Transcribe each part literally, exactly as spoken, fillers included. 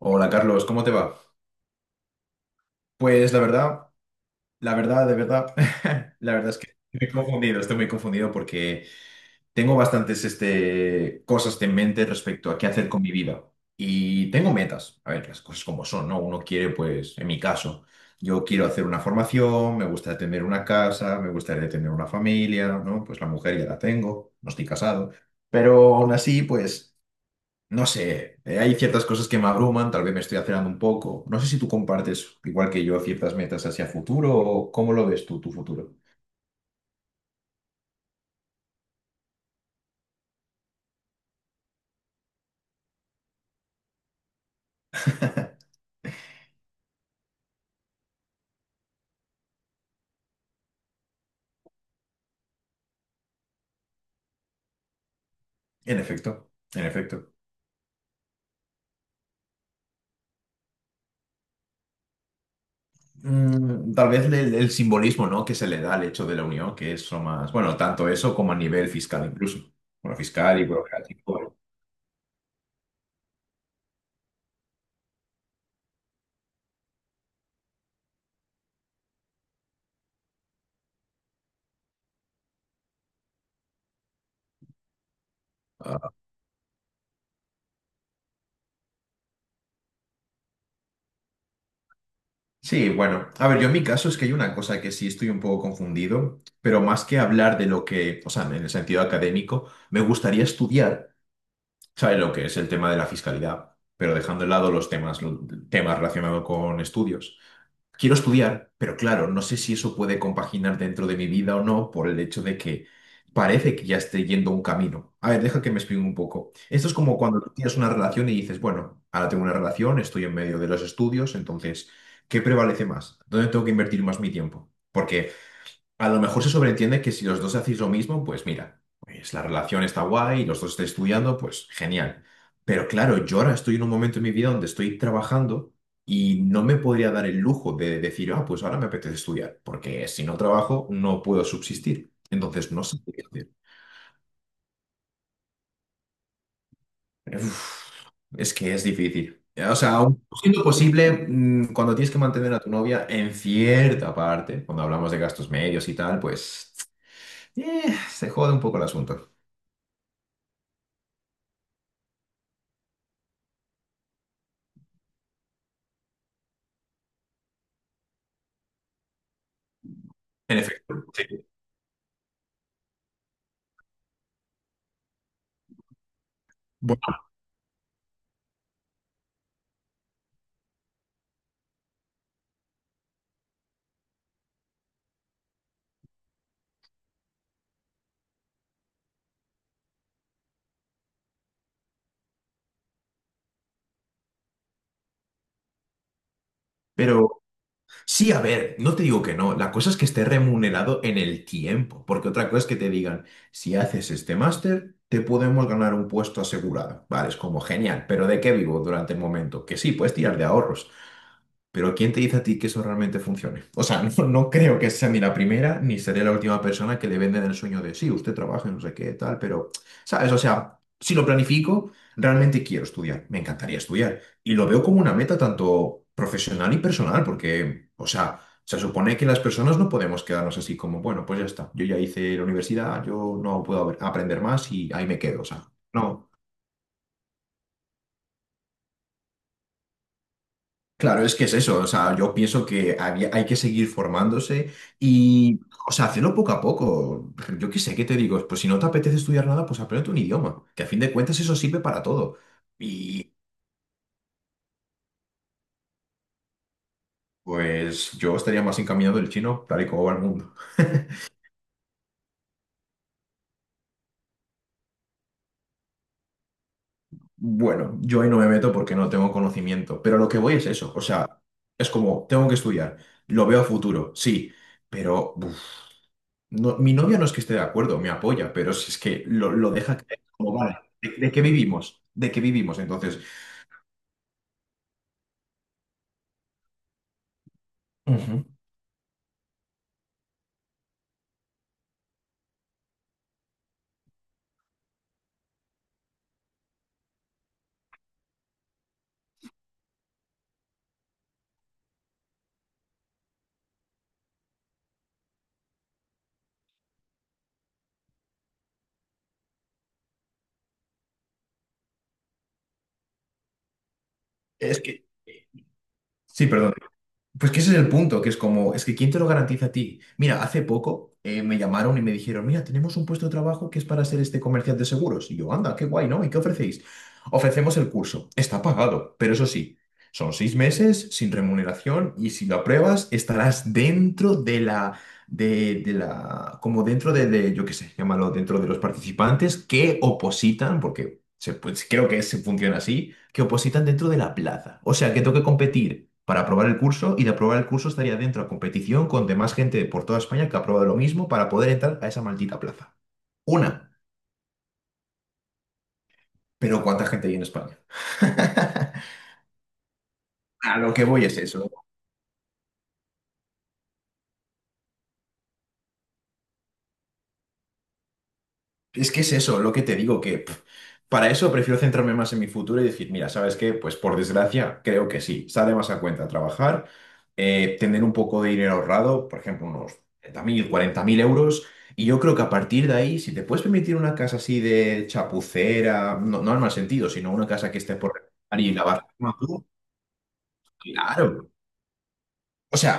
Hola Carlos, ¿cómo te va? Pues la verdad, la verdad, de verdad, la verdad es que estoy confundido, estoy muy confundido porque tengo bastantes este, cosas en mente respecto a qué hacer con mi vida y tengo metas, a ver, las cosas como son, ¿no? Uno quiere, pues, en mi caso, yo quiero hacer una formación, me gustaría tener una casa, me gustaría tener una familia, ¿no? Pues la mujer ya la tengo, no estoy casado, pero aún así, pues... No sé, eh, hay ciertas cosas que me abruman, tal vez me estoy acelerando un poco. No sé si tú compartes, igual que yo, ciertas metas hacia futuro o cómo lo ves tú, tu futuro. En efecto, en efecto. Mm, tal vez el, el simbolismo, ¿no? que se le da al hecho de la unión, que es lo más, bueno, tanto eso como a nivel fiscal incluso. Bueno, fiscal y burocrático. Ah, sí, bueno, a ver, yo en mi caso es que hay una cosa que sí estoy un poco confundido, pero más que hablar de lo que, o sea, en el sentido académico, me gustaría estudiar. Sabe lo que es el tema de la fiscalidad, pero dejando de lado los temas, los temas relacionados con estudios. Quiero estudiar, pero claro, no sé si eso puede compaginar dentro de mi vida o no por el hecho de que parece que ya esté yendo un camino. A ver, deja que me explique un poco. Esto es como cuando tú tienes una relación y dices, bueno, ahora tengo una relación, estoy en medio de los estudios, entonces, ¿qué prevalece más? ¿Dónde tengo que invertir más mi tiempo? Porque a lo mejor se sobreentiende que si los dos hacéis lo mismo, pues mira, pues la relación está guay, los dos estáis estudiando, pues genial. Pero claro, yo ahora estoy en un momento en mi vida donde estoy trabajando y no me podría dar el lujo de decir, ah, pues ahora me apetece estudiar, porque si no trabajo no puedo subsistir. Entonces no sé qué hacer. Uf, es que es difícil. O sea, aun siendo posible, mm, cuando tienes que mantener a tu novia en cierta parte, cuando hablamos de gastos medios y tal, pues eh, se jode un poco el asunto. En efecto, sí. Bueno, pero sí, a ver, no te digo que no. La cosa es que esté remunerado en el tiempo, porque otra cosa es que te digan, si haces este máster, te podemos ganar un puesto asegurado. Vale, es como genial, pero ¿de qué vivo durante el momento? Que sí, puedes tirar de ahorros, pero ¿quién te dice a ti que eso realmente funcione? O sea, no, no creo que sea ni la primera ni seré la última persona que le venden el sueño de, sí, usted trabaja en no sé qué, tal, pero, ¿sabes? O sea, si lo planifico, realmente quiero estudiar, me encantaría estudiar. Y lo veo como una meta tanto profesional y personal, porque, o sea, se supone que las personas no podemos quedarnos así como, bueno, pues ya está, yo ya hice la universidad, yo no puedo aprender más y ahí me quedo, o sea, no. Claro, es que es eso, o sea, yo pienso que había- hay que seguir formándose y, o sea, hacerlo poco a poco. Yo qué sé, ¿qué te digo? Pues si no te apetece estudiar nada, pues aprende un idioma, que a fin de cuentas eso sirve para todo. Y pues yo estaría más encaminado del chino, tal y como va el mundo. Bueno, yo ahí no me meto porque no tengo conocimiento, pero lo que voy es eso, o sea, es como, tengo que estudiar, lo veo a futuro, sí, pero no, mi novia no es que esté de acuerdo, me apoya, pero si es que lo, lo deja caer, como vale, ¿de, de qué vivimos? ¿De qué vivimos? Entonces, ujú, es que... Sí, perdón. Pues que ese es el punto, que es como, es que ¿quién te lo garantiza a ti? Mira, hace poco eh, me llamaron y me dijeron, mira, tenemos un puesto de trabajo que es para ser este comercial de seguros. Y yo, anda, qué guay, ¿no? ¿Y qué ofrecéis? Ofrecemos el curso. Está pagado, pero eso sí, son seis meses sin remuneración y si lo apruebas estarás dentro de la, de, de la, como dentro de, de, yo qué sé, llámalo, dentro de los participantes que opositan, porque se, pues, creo que se funciona así que opositan dentro de la plaza. O sea, que tengo que competir para aprobar el curso y de aprobar el curso estaría dentro a competición con demás gente por toda España que ha aprobado lo mismo para poder entrar a esa maldita plaza. Una. Pero ¿cuánta gente hay en España? A lo que voy es eso. Es que es eso, lo que te digo, que pf, para eso prefiero centrarme más en mi futuro y decir, mira, ¿sabes qué? Pues por desgracia, creo que sí, sale más a cuenta trabajar, eh, tener un poco de dinero ahorrado, por ejemplo, unos treinta mil cuarenta mil euros, y yo creo que a partir de ahí, si te puedes permitir una casa así de chapucera, no, no en mal sentido, sino una casa que esté por remodelar y lavar, claro. O sea,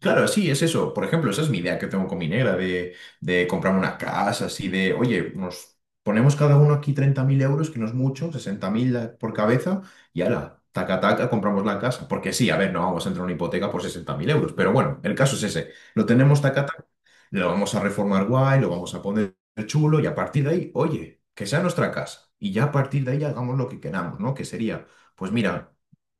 claro, sí, es eso. Por ejemplo, esa es mi idea que tengo con mi negra, de, de comprar una casa, así de, oye, nos ponemos cada uno aquí treinta mil euros, que no es mucho, sesenta mil por cabeza, y ala, taca, taca, compramos la casa. Porque sí, a ver, no vamos a entrar en una hipoteca por sesenta mil euros, pero bueno, el caso es ese. Lo tenemos taca, taca, lo vamos a reformar guay, lo vamos a poner chulo, y a partir de ahí, oye, que sea nuestra casa. Y ya a partir de ahí hagamos lo que queramos, ¿no? Que sería, pues mira.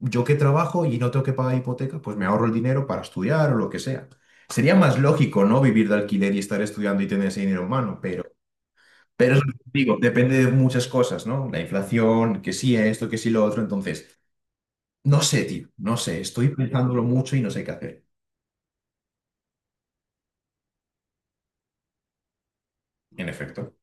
Yo que trabajo y no tengo que pagar hipoteca, pues me ahorro el dinero para estudiar o lo que sea. Sería más lógico, ¿no? Vivir de alquiler y estar estudiando y tener ese dinero en mano, pero, pero es lo que digo, depende de muchas cosas, ¿no? La inflación, que sí esto, que sí lo otro. Entonces, no sé, tío, no sé, estoy pensándolo mucho y no sé qué hacer. En efecto.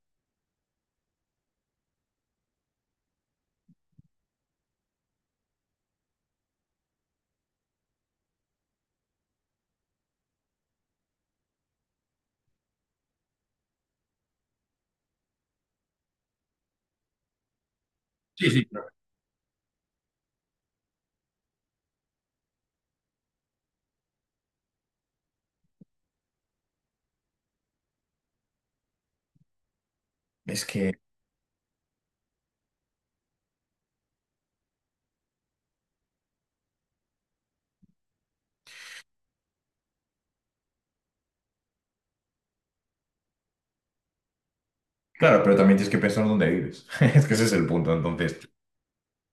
Sí, sí. Es que, claro, pero también tienes que pensar dónde vives. Es que ese es el punto. Entonces,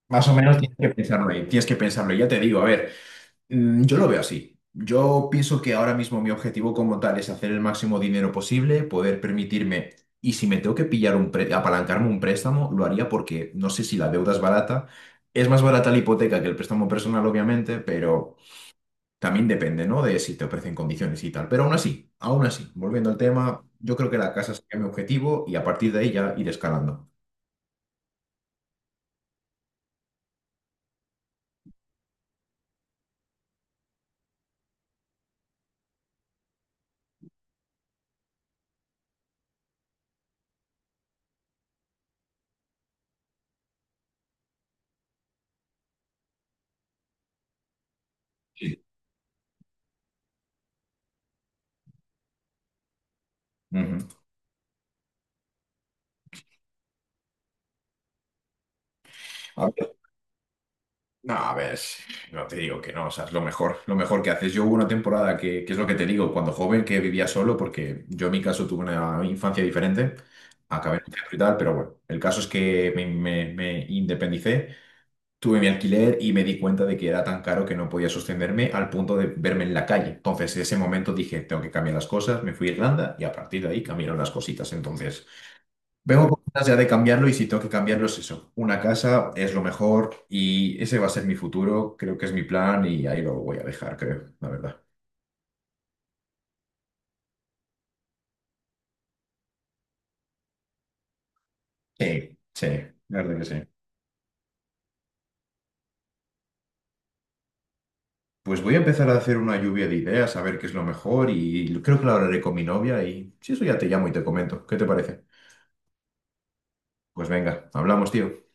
más o menos tienes que pensarlo ahí, tienes que pensarlo. Y ya te digo, a ver. Mm, Yo lo veo así. Yo pienso que ahora mismo mi objetivo como tal es hacer el máximo dinero posible, poder permitirme, y si me tengo que pillar un pré- apalancarme un préstamo, lo haría porque no sé si la deuda es barata. Es más barata la hipoteca que el préstamo personal, obviamente, pero también depende, ¿no? De si te ofrecen condiciones y tal. Pero aún así, aún así, volviendo al tema, yo creo que la casa sería mi objetivo y a partir de ahí ya ir escalando. Sí. Ujú. A ver, no, a ver, si- no te digo que no, o sea, es lo mejor, lo mejor que haces. Yo hubo una temporada que, que es lo que te digo, cuando joven que vivía solo, porque yo en mi caso tuve una infancia diferente, acabé en un centro y tal, pero bueno, el caso es que me, me- me independicé, tuve mi alquiler y me di cuenta de que era tan caro que no podía sostenerme al punto de verme en la calle. Entonces, en ese momento dije, tengo que cambiar las cosas, me fui a Irlanda y a partir de ahí cambiaron las cositas. Entonces... Vengo con ganas ya de cambiarlo y si tengo que cambiarlo es eso. Una casa es lo mejor y ese va a ser mi futuro, creo que es mi plan y ahí lo voy a dejar, creo, la verdad. Sí, sí, la verdad que sí. Pues voy a empezar a hacer una lluvia de ideas, a ver qué es lo mejor y creo que lo hablaré con mi novia y si eso ya te llamo y te comento. ¿Qué te parece? Pues venga, hablamos, tío.